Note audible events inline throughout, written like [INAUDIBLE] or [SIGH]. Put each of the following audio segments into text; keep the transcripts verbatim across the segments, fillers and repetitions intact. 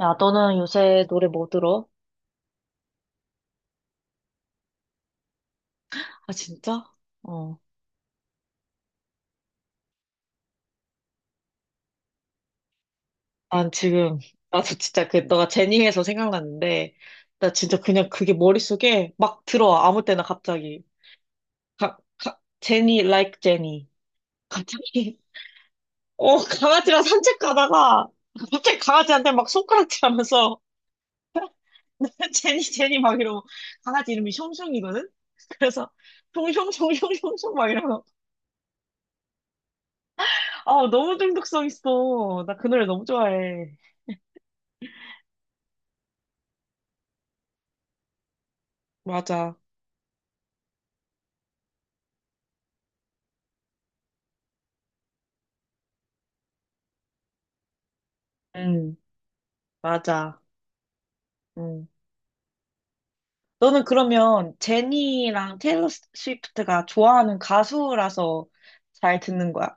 야, 너는 요새 노래 뭐 들어? 아, 진짜? 어. 난 지금, 나도 진짜 그, 너가 제니에서 생각났는데, 나 진짜 그냥 그게 머릿속에 막 들어와. 아무 때나 갑자기. 가, 가, 제니, like 제니. 갑자기, [LAUGHS] 어, 강아지랑 산책 가다가, 갑자기 강아지한테 막 손가락질 하면서, [LAUGHS] 제니, 제니 막 이러고, 강아지 이름이 숑숑이거든? 그래서, 숑숑숑숑숑숑 막 이러고. 아, 너무 중독성 있어. 나 그 노래 너무 좋아해. 맞아. 응, 맞아. 응. 너는 그러면 제니랑 테일러 스위프트가 좋아하는 가수라서 잘 듣는 거야?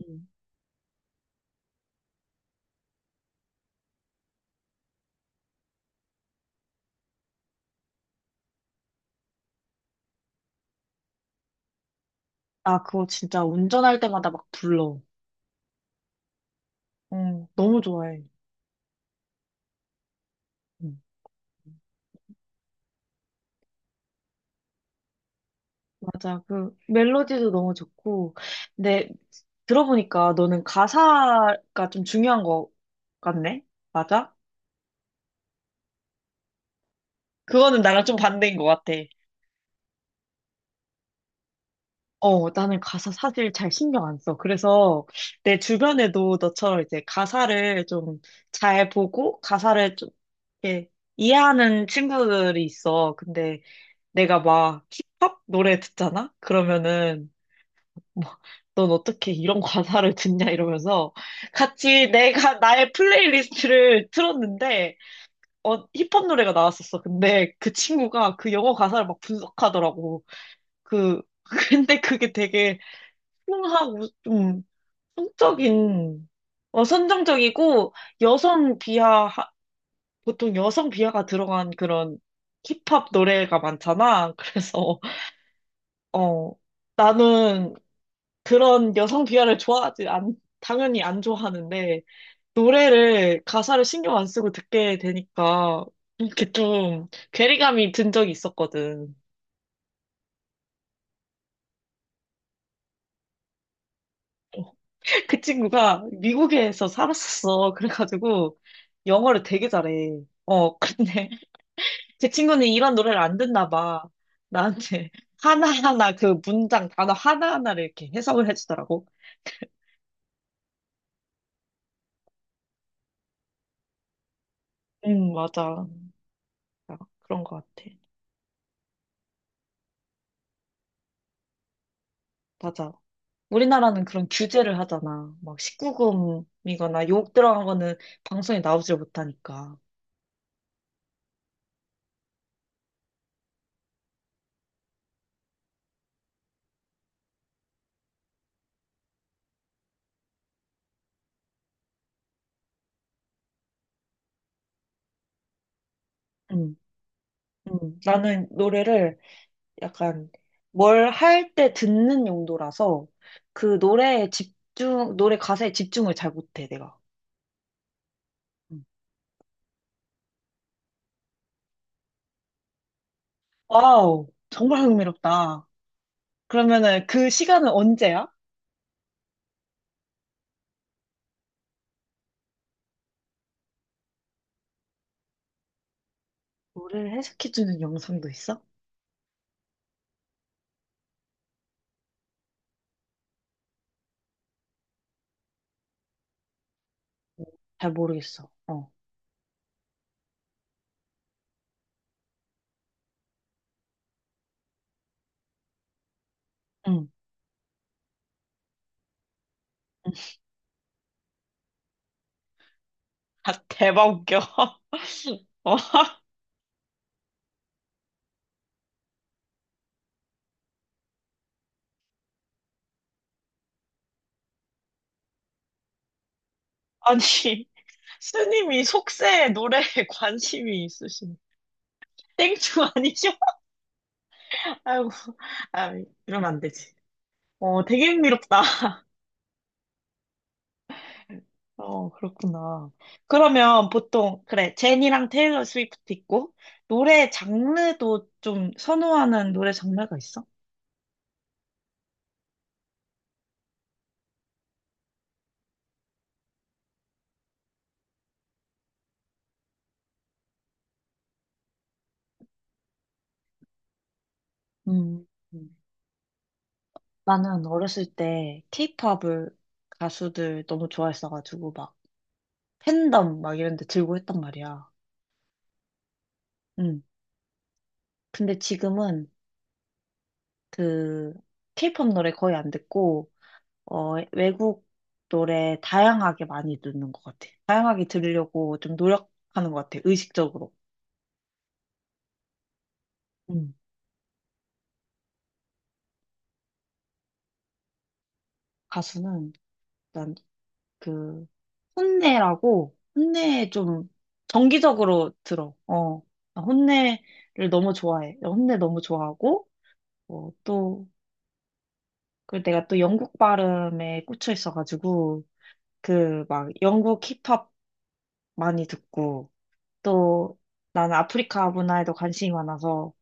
응. 아, 그거 진짜 운전할 때마다 막 불러. 응, 너무 좋아해. 응. 맞아. 그 멜로디도 너무 좋고. 근데 들어보니까 너는 가사가 좀 중요한 거 같네? 맞아? 그거는 나랑 좀 반대인 것 같아. 어, 나는 가사 사실 잘 신경 안 써. 그래서 내 주변에도 너처럼 이제 가사를 좀 잘 보고 가사를 좀 이렇게 이해하는 친구들이 있어. 근데 내가 막 힙합 노래 듣잖아? 그러면은 뭐, 넌 어떻게 이런 가사를 듣냐 이러면서 같이 내가 나의 플레이리스트를 틀었는데 어, 힙합 노래가 나왔었어. 근데 그 친구가 그 영어 가사를 막 분석하더라고. 그 [LAUGHS] 근데 그게 되게 풍하고 좀 성적인 어, 선정적이고 여성 비하 하- 보통 여성 비하가 들어간 그런 힙합 노래가 많잖아. [LAUGHS] 그래서 어. 나는 그런 여성 비하를 좋아하지 않 당연히 안 좋아하는데 노래를 가사를 신경 안 쓰고 듣게 되니까 이렇게 좀 괴리감이 든 적이 있었거든. [LAUGHS] 그 친구가 미국에서 살았었어. 그래가지고 영어를 되게 잘해. 어, 근데 제 친구는 이런 노래를 안 듣나 봐. 나한테 [LAUGHS] 하나하나 그 문장 단어 하나하나를 이렇게 해석을 해주더라고. 응, 맞아. 아, 그런 것 같아. 맞아. 우리나라는 그런 규제를 하잖아. 막 십구금이거나 욕 들어간 거는 방송에 나오질 못하니까. 응, 응. 나는 노래를 약간 뭘 할 때 듣는 용도라서 그 노래에 집중, 노래 가사에 집중을 잘 못해, 내가. 응. 와우, 정말 흥미롭다. 그러면은 그 시간은 언제야? 노래를 해석해주는 영상도 있어? 어, 잘 모르겠어. 어. 응. 아, 대박 웃겨. [LAUGHS] 어, 아니, 스님이 속세에 노래에 관심이 있으신 땡충 아니죠? [LAUGHS] 아이고, 아, 이러면 안 되지. 어, 되게 흥미롭다. 어, 그렇구나. 그러면 보통, 그래, 제니랑 테일러 스위프트 있고, 노래 장르도 좀 선호하는 노래 장르가 있어? 음. 나는 어렸을 때 케이팝을 가수들 너무 좋아했어가지고 막 팬덤 막 이런 데 들고 했단 말이야. 응. 근데 지금은 그 케이팝 노래 거의 안 듣고 어 외국 노래 다양하게 많이 듣는 것 같아. 다양하게 들으려고 좀 노력하는 것 같아. 의식적으로. 응. 가수는 일단 그 혼내라고 혼내 좀 정기적으로 들어. 어. 나 혼내를 너무 좋아해. 혼내 너무 좋아하고 어, 또, 그 내가 또 영국 발음에 꽂혀 있어가지고, 그 막 영국 힙합 많이 듣고, 또 나는 아프리카 문화에도 관심이 많아서,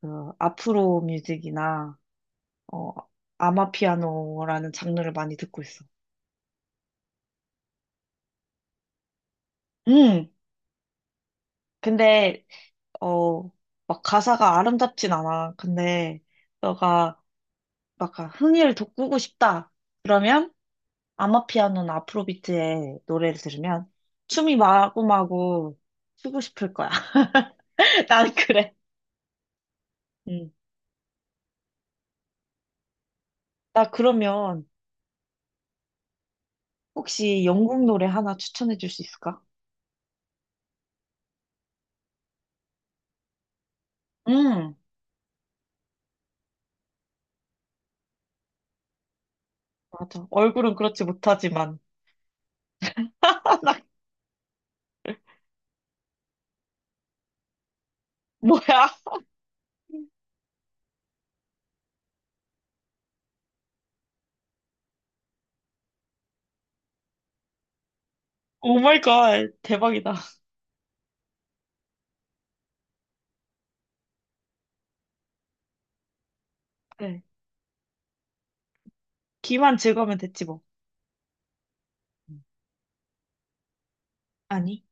그 아프로 뮤직이나, 어, 아마피아노라는 장르를 많이 듣고 있어. 음, 근데, 어, 막 가사가 아름답진 않아. 근데, 너가 막 아 흥을 돋구고 싶다. 그러면, 아마피아노나 아프로비트의 노래를 들으면 춤이 마구마구 추고 싶을 거야. [LAUGHS] 난 그래. 음. 나 그러면 혹시 영국 노래 하나 추천해 줄 수 있을까? 음, 맞아. 얼굴은 그렇지 못하지만. [LAUGHS] 아 나 뭐야? 오 마이 갓. 대박이다. 그래. 귀만 즐거우면 됐지 뭐. 음. 아니?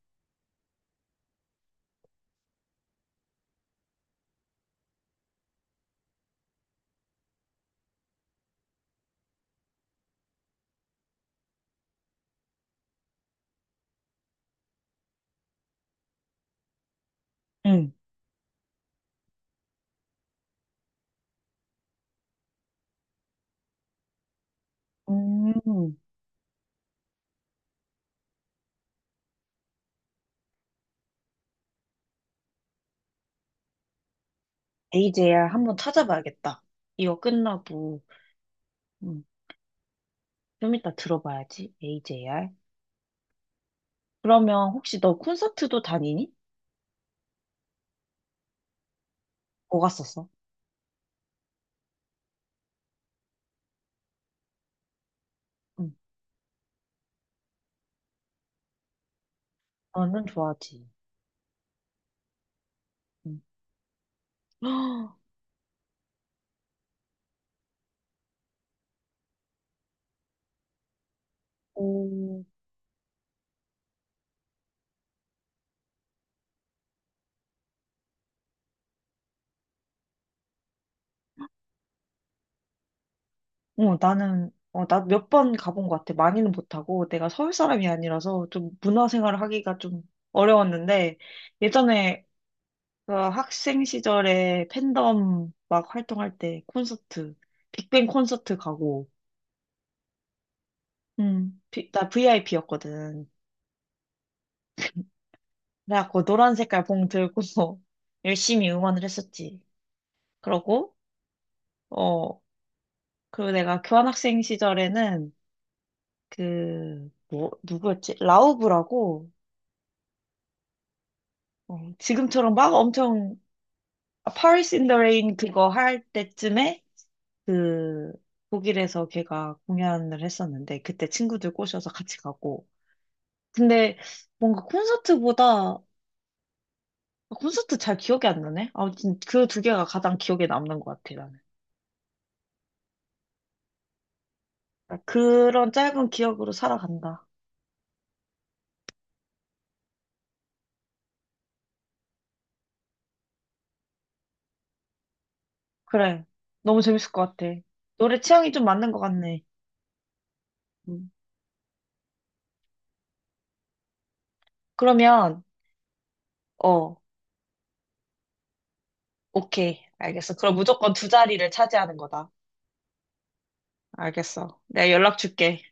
응. 음. 에이제이알 한번 찾아봐야겠다. 이거 끝나고. 음. 좀 이따 들어봐야지. 에이제이알. 그러면 혹시 너 콘서트도 다니니? 뭐 갔었어. 응. 나는 좋아하지. 응. [GASPS] 오, 어, 나는, 어, 나 몇 번 가본 것 같아. 많이는 못하고, 내가 서울 사람이 아니라서 좀 문화생활을 하기가 좀 어려웠는데, 예전에 그 학생 시절에 팬덤 막 활동할 때 콘서트, 빅뱅 콘서트 가고, 음, 비- 나 브이아이피였거든. 그래갖고 노란 색깔 봉 들고 [LAUGHS] 열심히 응원을 했었지. 그러고, 어, 그리고 내가 교환학생 시절에는 그, 뭐, 누구였지? 라우브라고, 어, 지금처럼 막 엄청, 아, Paris in the Rain 그거 할 때쯤에 그, 독일에서 걔가 공연을 했었는데, 그때 친구들 꼬셔서 같이 가고. 근데 뭔가 콘서트보다, 콘서트 잘 기억이 안 나네? 아무튼 그 두 개가 가장 기억에 남는 것 같아, 나는. 그런 짧은 기억으로 살아간다. 그래. 너무 재밌을 것 같아. 노래 취향이 좀 맞는 것 같네. 음. 그러면, 어, 오케이. 알겠어. 그럼 무조건 두 자리를 차지하는 거다. 알겠어. 내가 연락 줄게.